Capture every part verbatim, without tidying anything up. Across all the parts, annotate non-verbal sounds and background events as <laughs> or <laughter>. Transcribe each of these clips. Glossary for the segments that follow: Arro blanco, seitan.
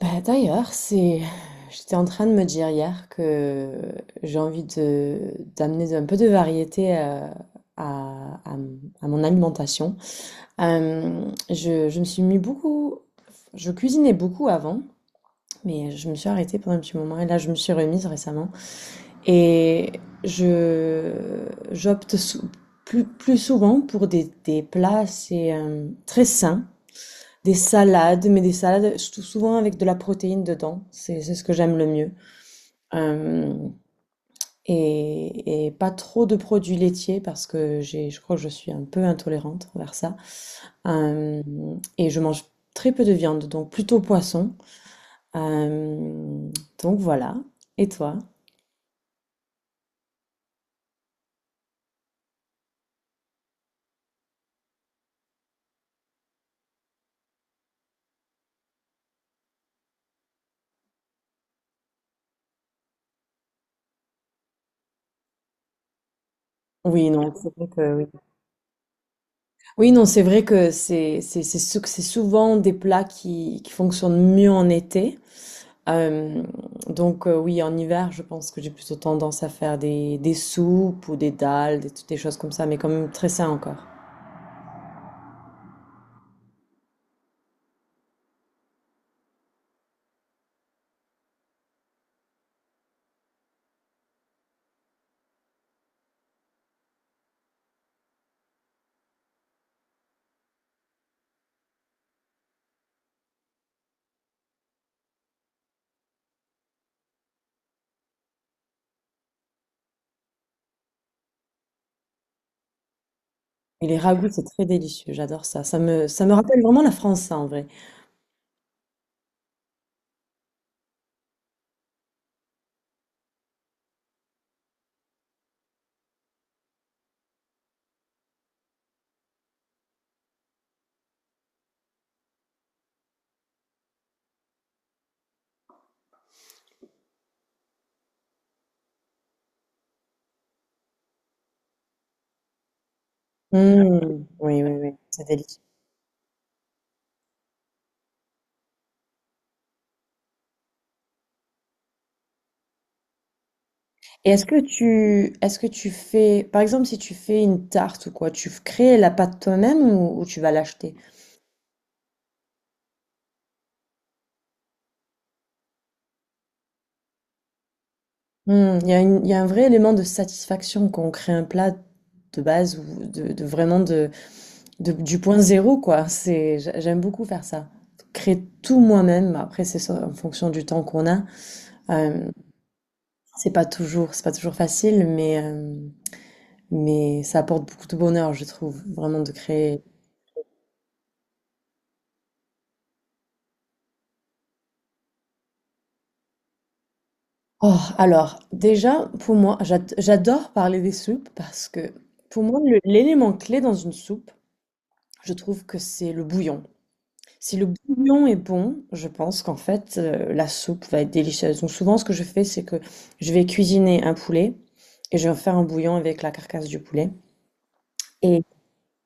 Bah, d'ailleurs, c'est... j'étais en train de me dire hier que j'ai envie de d'amener un peu de variété euh, à, à, à mon alimentation. Euh, je, je me suis mis beaucoup... Je cuisinais beaucoup avant, mais je me suis arrêtée pendant un petit moment et là, je me suis remise récemment. Et je j'opte sou- plus, plus souvent pour des, des plats assez euh, très sains, des salades, mais des salades souvent avec de la protéine dedans. C'est c'est ce que j'aime le mieux. Euh, et, et pas trop de produits laitiers parce que j'ai, je crois que je suis un peu intolérante envers ça. Euh, et je mange très peu de viande, donc plutôt poisson. Euh, donc voilà. Et toi? Oui, non, c'est vrai que oui. Oui, non, c'est vrai que c'est c'est c'est sou- c'est souvent des plats qui, qui fonctionnent mieux en été. Euh, donc euh, oui, en hiver, je pense que j'ai plutôt tendance à faire des, des soupes ou des dalles, des, toutes des choses comme ça, mais quand même très sain encore. Et les ragoûts, c'est très délicieux, j'adore ça. Ça me, ça me rappelle vraiment la France, ça, en vrai. Mmh, oui, oui, oui, c'est délicieux. Et est-ce que tu, est-ce que tu fais, par exemple, si tu fais une tarte ou quoi, tu f- crées la pâte toi-même, ou, ou tu vas l'acheter? Mmh, il y a une- il y a un vrai élément de satisfaction quand on crée un plat de base ou de, de vraiment de, de- du point zéro, quoi. C'est, j'a- j'aime beaucoup faire ça. Créer tout moi-même. Après, c'est ça, en fonction du temps qu'on a. Euh, c'est pas toujours, c'est pas toujours facile, mais, euh, mais ça apporte beaucoup de bonheur, je trouve, vraiment de créer. Oh, alors, déjà, pour moi, j'ad- j'adore parler des soupes parce que, pour moi, le- l'élément clé dans une soupe, je trouve que c'est le bouillon. Si le bouillon est bon, je pense qu'en fait, euh, la soupe va être délicieuse. Donc souvent, ce que je fais, c'est que je vais cuisiner un poulet et je vais faire un bouillon avec la carcasse du poulet. Et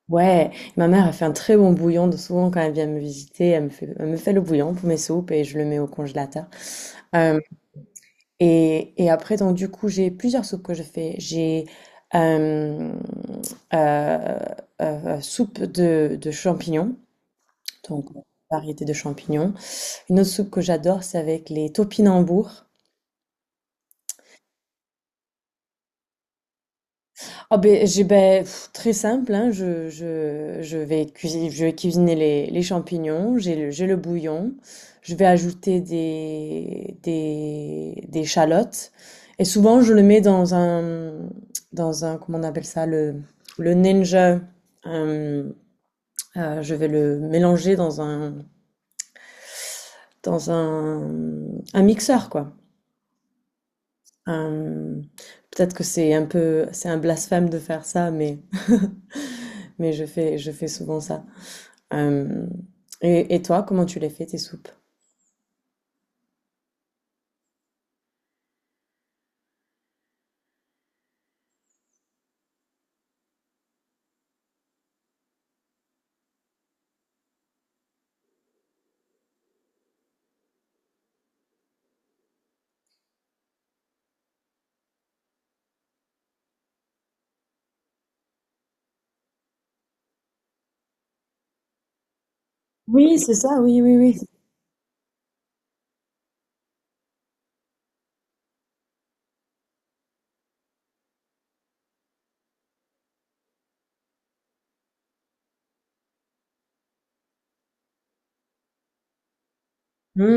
ouais, ma mère a fait un très bon bouillon. Donc souvent, quand elle vient me visiter, elle me fait, elle me fait le bouillon pour mes soupes et je le mets au congélateur. Euh, et, et après, donc du coup, j'ai plusieurs soupes que je fais. J'ai euh, euh, euh, Soupe de, de champignons, donc variété de champignons. Une autre soupe que j'adore, c'est avec les topinambours. Ah ben, j'ai ben, pff, très simple, hein, je, je, je vais cuisiner, je vais cuisiner les, les champignons, j'ai le, j'ai le bouillon, je vais ajouter des, des, des chalottes, et souvent je le mets dans un, dans un, comment on appelle ça, le, le ninja, euh, euh, je vais le mélanger dans un, dans un, un mixeur, quoi. Euh, Peut-être que c'est un peu, c'est un blasphème de faire ça, mais, <laughs> mais je fais, je fais souvent ça. Euh, et, et toi, comment tu les fais, tes soupes? Oui, c'est ça, oui, oui, oui. Hmm.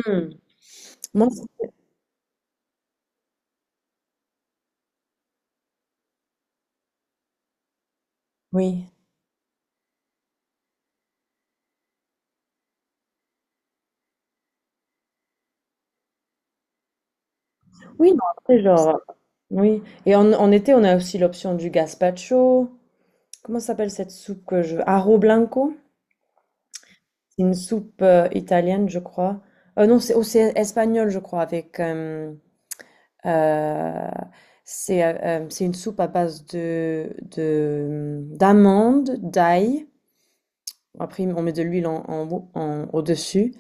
Moi, c'est- oui. Oui, non, après, genre. Oui. Et en, en été, on a aussi l'option du gazpacho. Comment s'appelle cette soupe que je... Arro blanco? C'est une soupe euh, italienne, je crois. Euh, non, c'est oh, c'est espagnol, je crois, avec... euh, Euh, c'est euh, c'est une soupe à base de de d'amandes, d'ail. Après, on met de l'huile en, en haut- en- au-dessus.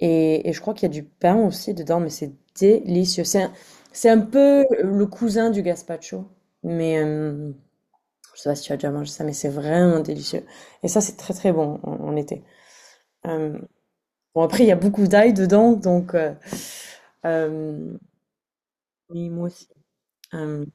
Et, et je crois qu'il y a du pain aussi dedans, mais c'est délicieux. C'est un, c'est un peu le cousin du gazpacho. Mais euh, je sais pas si tu as déjà mangé ça, mais c'est vraiment délicieux. Et ça, c'est très très bon en, en été. Euh, bon, après, il y a beaucoup d'ail dedans, donc... euh, euh, oui, moi aussi. Euh,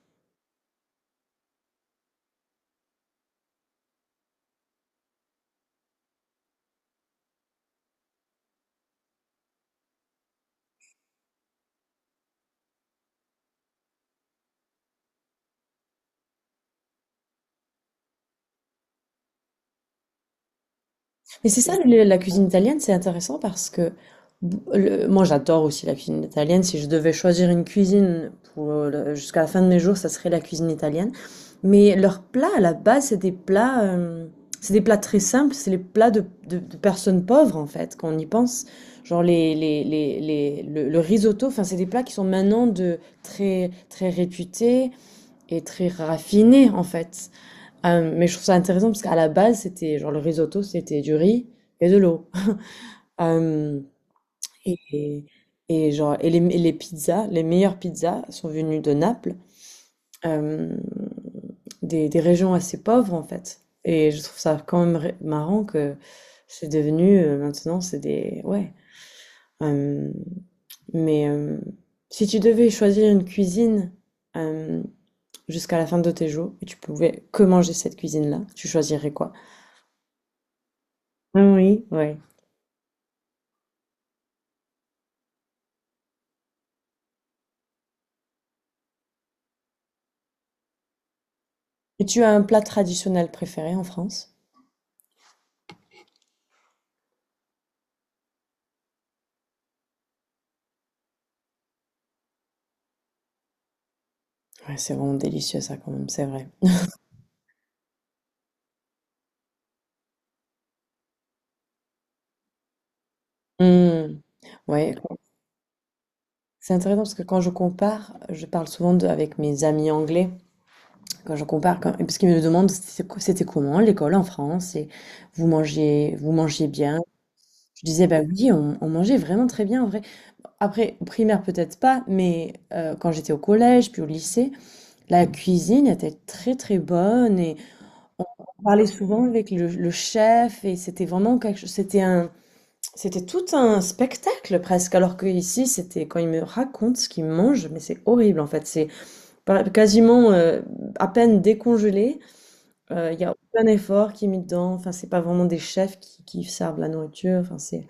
Mais c'est ça, le- la cuisine italienne, c'est intéressant parce que b- le- moi j'adore aussi la cuisine italienne. Si je devais choisir une cuisine pour le- jusqu'à la fin de mes jours, ça serait la cuisine italienne. Mais leurs plats à la base, c'est des plats, euh, c'est des plats très simples, c'est les plats de, de- de personnes pauvres en fait, quand on y pense. Genre les, les, les, les- le, le risotto, enfin c'est des plats qui sont maintenant de très très réputés et très raffinés en fait. Euh, mais je trouve ça intéressant parce qu'à la base, c'était genre le risotto, c'était du riz et de l'eau. Euh, et, et genre, et les, et les pizzas, les meilleures pizzas sont venues de Naples, euh, des, des régions assez pauvres en fait. Et je trouve ça quand même ré- marrant que c'est devenu euh, maintenant, c'est des. Ouais. Euh, mais euh, si tu devais choisir une cuisine euh, jusqu'à la fin de tes jours et tu pouvais que manger cette cuisine-là, tu choisirais quoi? Oui, ouais. Et tu as un plat traditionnel préféré en France? Ouais, c'est vraiment délicieux ça quand même, c'est vrai. Mmh. Ouais, quand- c'est intéressant parce que quand je compare, je parle souvent de- avec mes amis anglais, quand je compare, quand, parce qu'ils me demandent c'était co- c'était comment l'école en France et vous mangez vous mangez bien. Je disais bah oui, on, on mangeait vraiment très bien en vrai. Après, au primaire peut-être pas, mais euh, quand j'étais au collège puis au lycée, la cuisine était très très bonne et On on parlait souvent avec le, le chef et c'était vraiment quelque chose, c'était un, c'était tout un spectacle presque. Alors que ici, c'était quand il me raconte ce qu'il mange, mais c'est horrible en fait. C'est pas- Quasiment euh, à peine décongelé. Euh, Il y a aucun effort qui est mis dedans. Enfin, c'est pas vraiment des chefs qui, qui servent la nourriture. Enfin, c'est,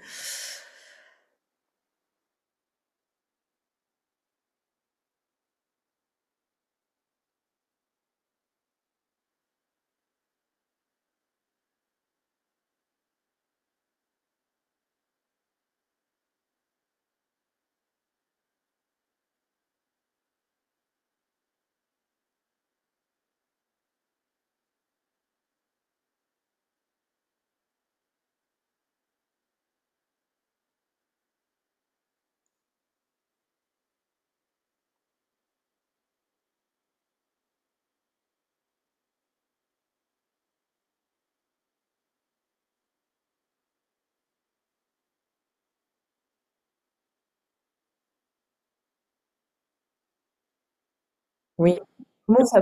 oui. Comment ça,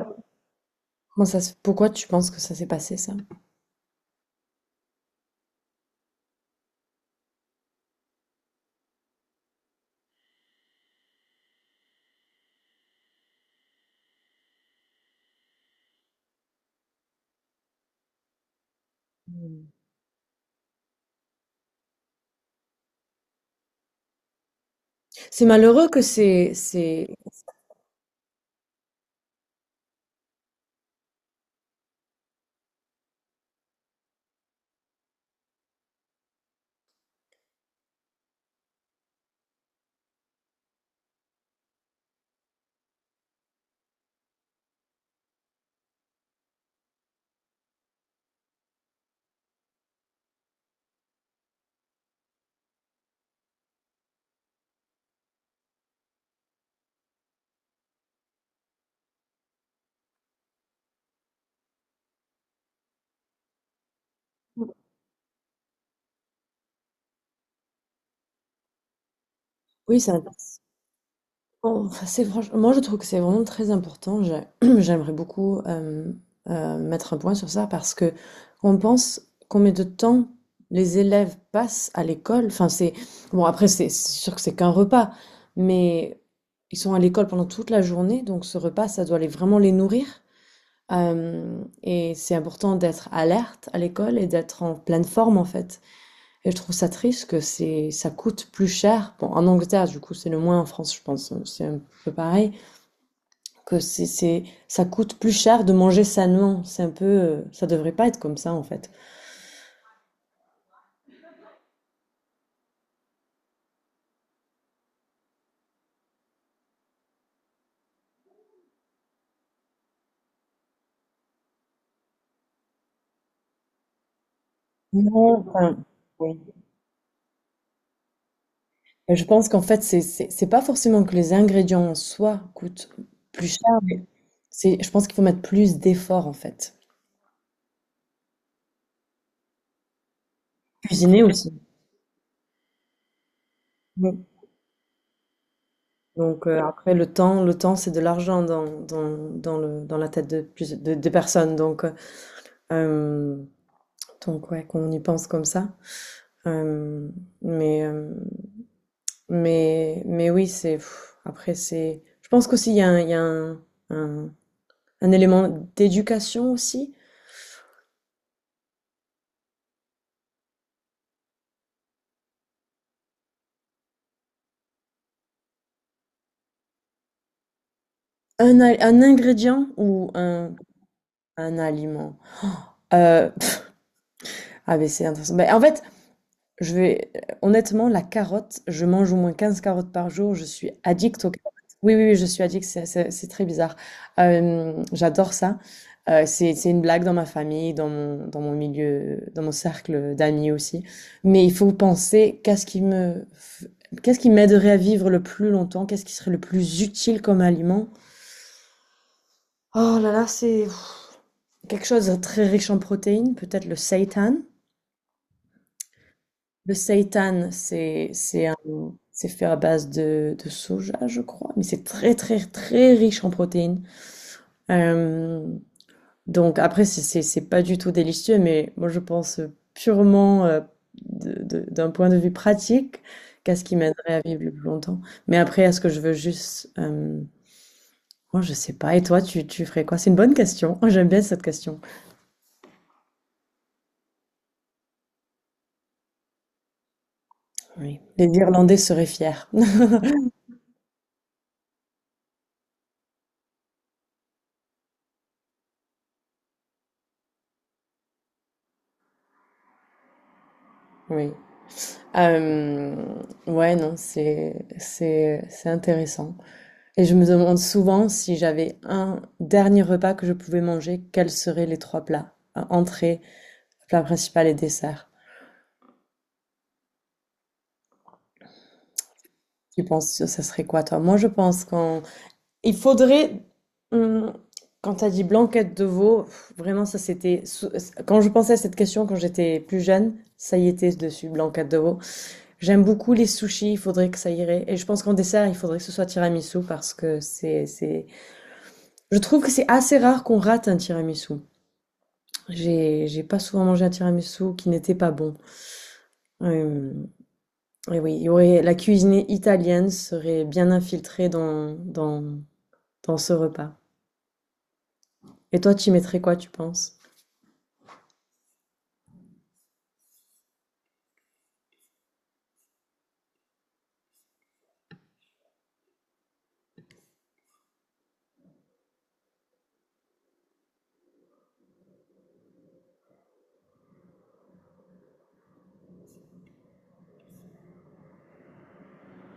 comment ça, se- Pourquoi tu penses que ça s'est passé ça? C'est malheureux que c'est, c'est, oui, c'est un- Bon, enfin, c'est franch- moi je trouve que c'est vraiment très important. J'ai- <clears throat> J'aimerais beaucoup euh, euh, mettre un point sur ça parce que on pense combien de temps les élèves passent à l'école. Enfin, c'est bon, après, c'est c'est sûr que c'est qu'un repas, mais ils sont à l'école pendant toute la journée, donc ce repas ça doit les, vraiment les nourrir. Euh, et c'est important d'être alerte à l'école et d'être en pleine forme en fait. Et je trouve ça triste que c'est, ça coûte plus cher. Bon, en Angleterre, du coup, c'est le moins en France, je pense, euh, c'est un peu pareil. Que c'est, c'est, ça coûte plus cher de manger sainement. C'est un peu, euh, ça devrait pas être comme ça, en fait. Non, enfin, oui. Et je pense qu'en fait, c'est, c'est, c'est pas forcément que les ingrédients en soi coûtent plus cher, mais c'est, je pense qu'il faut mettre plus d'efforts, en fait. Cuisiner aussi. Oui. Donc euh, après le temps, le temps c'est de l'argent dans, dans, dans le dans la tête de plus de, des personnes. Donc euh, Donc ouais, qu'on y pense comme ça. Euh, mais, euh, mais, mais oui, c'est... pff, après, c'est... je pense qu'aussi, il y a un, il y a un, un- un élément d'éducation aussi. Un, al- un ingrédient ou un, un aliment. Euh, pff, ah, mais c'est intéressant. Mais en fait, Je vais honnêtement, la carotte, je mange au moins quinze carottes par jour, je suis addict aux carottes. Oui, oui, oui, je suis addict, c'est c'est- c'est très bizarre. Euh, j'adore ça. Euh, c'est c'est une blague dans ma famille, dans mon, dans mon milieu, dans mon cercle d'amis aussi. Mais il faut penser qu'est-ce qui me, f- qu'est-ce qui m'aiderait à vivre le plus longtemps, qu'est-ce qui serait le plus utile comme aliment. Oh là là, c'est quelque chose de très riche en protéines, peut-être le seitan. Le seitan, c'est c'est un C'est fait à base de, de soja, je crois, mais c'est très très très riche en protéines. Euh, donc après, c'est c'est- c'est pas du tout délicieux, mais moi je pense purement euh, de- de- d'un point de vue pratique qu'à ce qui m'aiderait à vivre le plus longtemps. Mais après, est-ce que je veux juste... euh, Moi je sais pas, et toi tu, tu ferais quoi? C'est une bonne question. Oh, j'aime bien cette question. Oui. Les Irlandais seraient fiers. <laughs> Oui. Euh, ouais, non, c'est c'est c'est intéressant. Et je me demande souvent si j'avais un dernier repas que je pouvais manger, quels seraient les trois plats? Entrée, plat principal et dessert. Tu penses que ça serait quoi, toi? Moi, je pense qu'en... il faudrait... hum, Quand tu as dit blanquette de veau, pff, vraiment, ça c'était... sou- Quand je pensais à cette question quand j'étais plus jeune, ça y était dessus, blanquette de veau. J'aime beaucoup les sushis, il faudrait que ça irait. Et je pense qu'en dessert, il faudrait que ce soit tiramisu parce que c'est... c'est... Je trouve que c'est assez rare qu'on rate un tiramisu. J'ai j'ai pas souvent mangé un tiramisu qui n'était pas bon. Hem, et oui, il y aurait la cuisine italienne serait bien infiltrée dans dans dans ce repas. Et toi, tu y mettrais quoi, tu penses?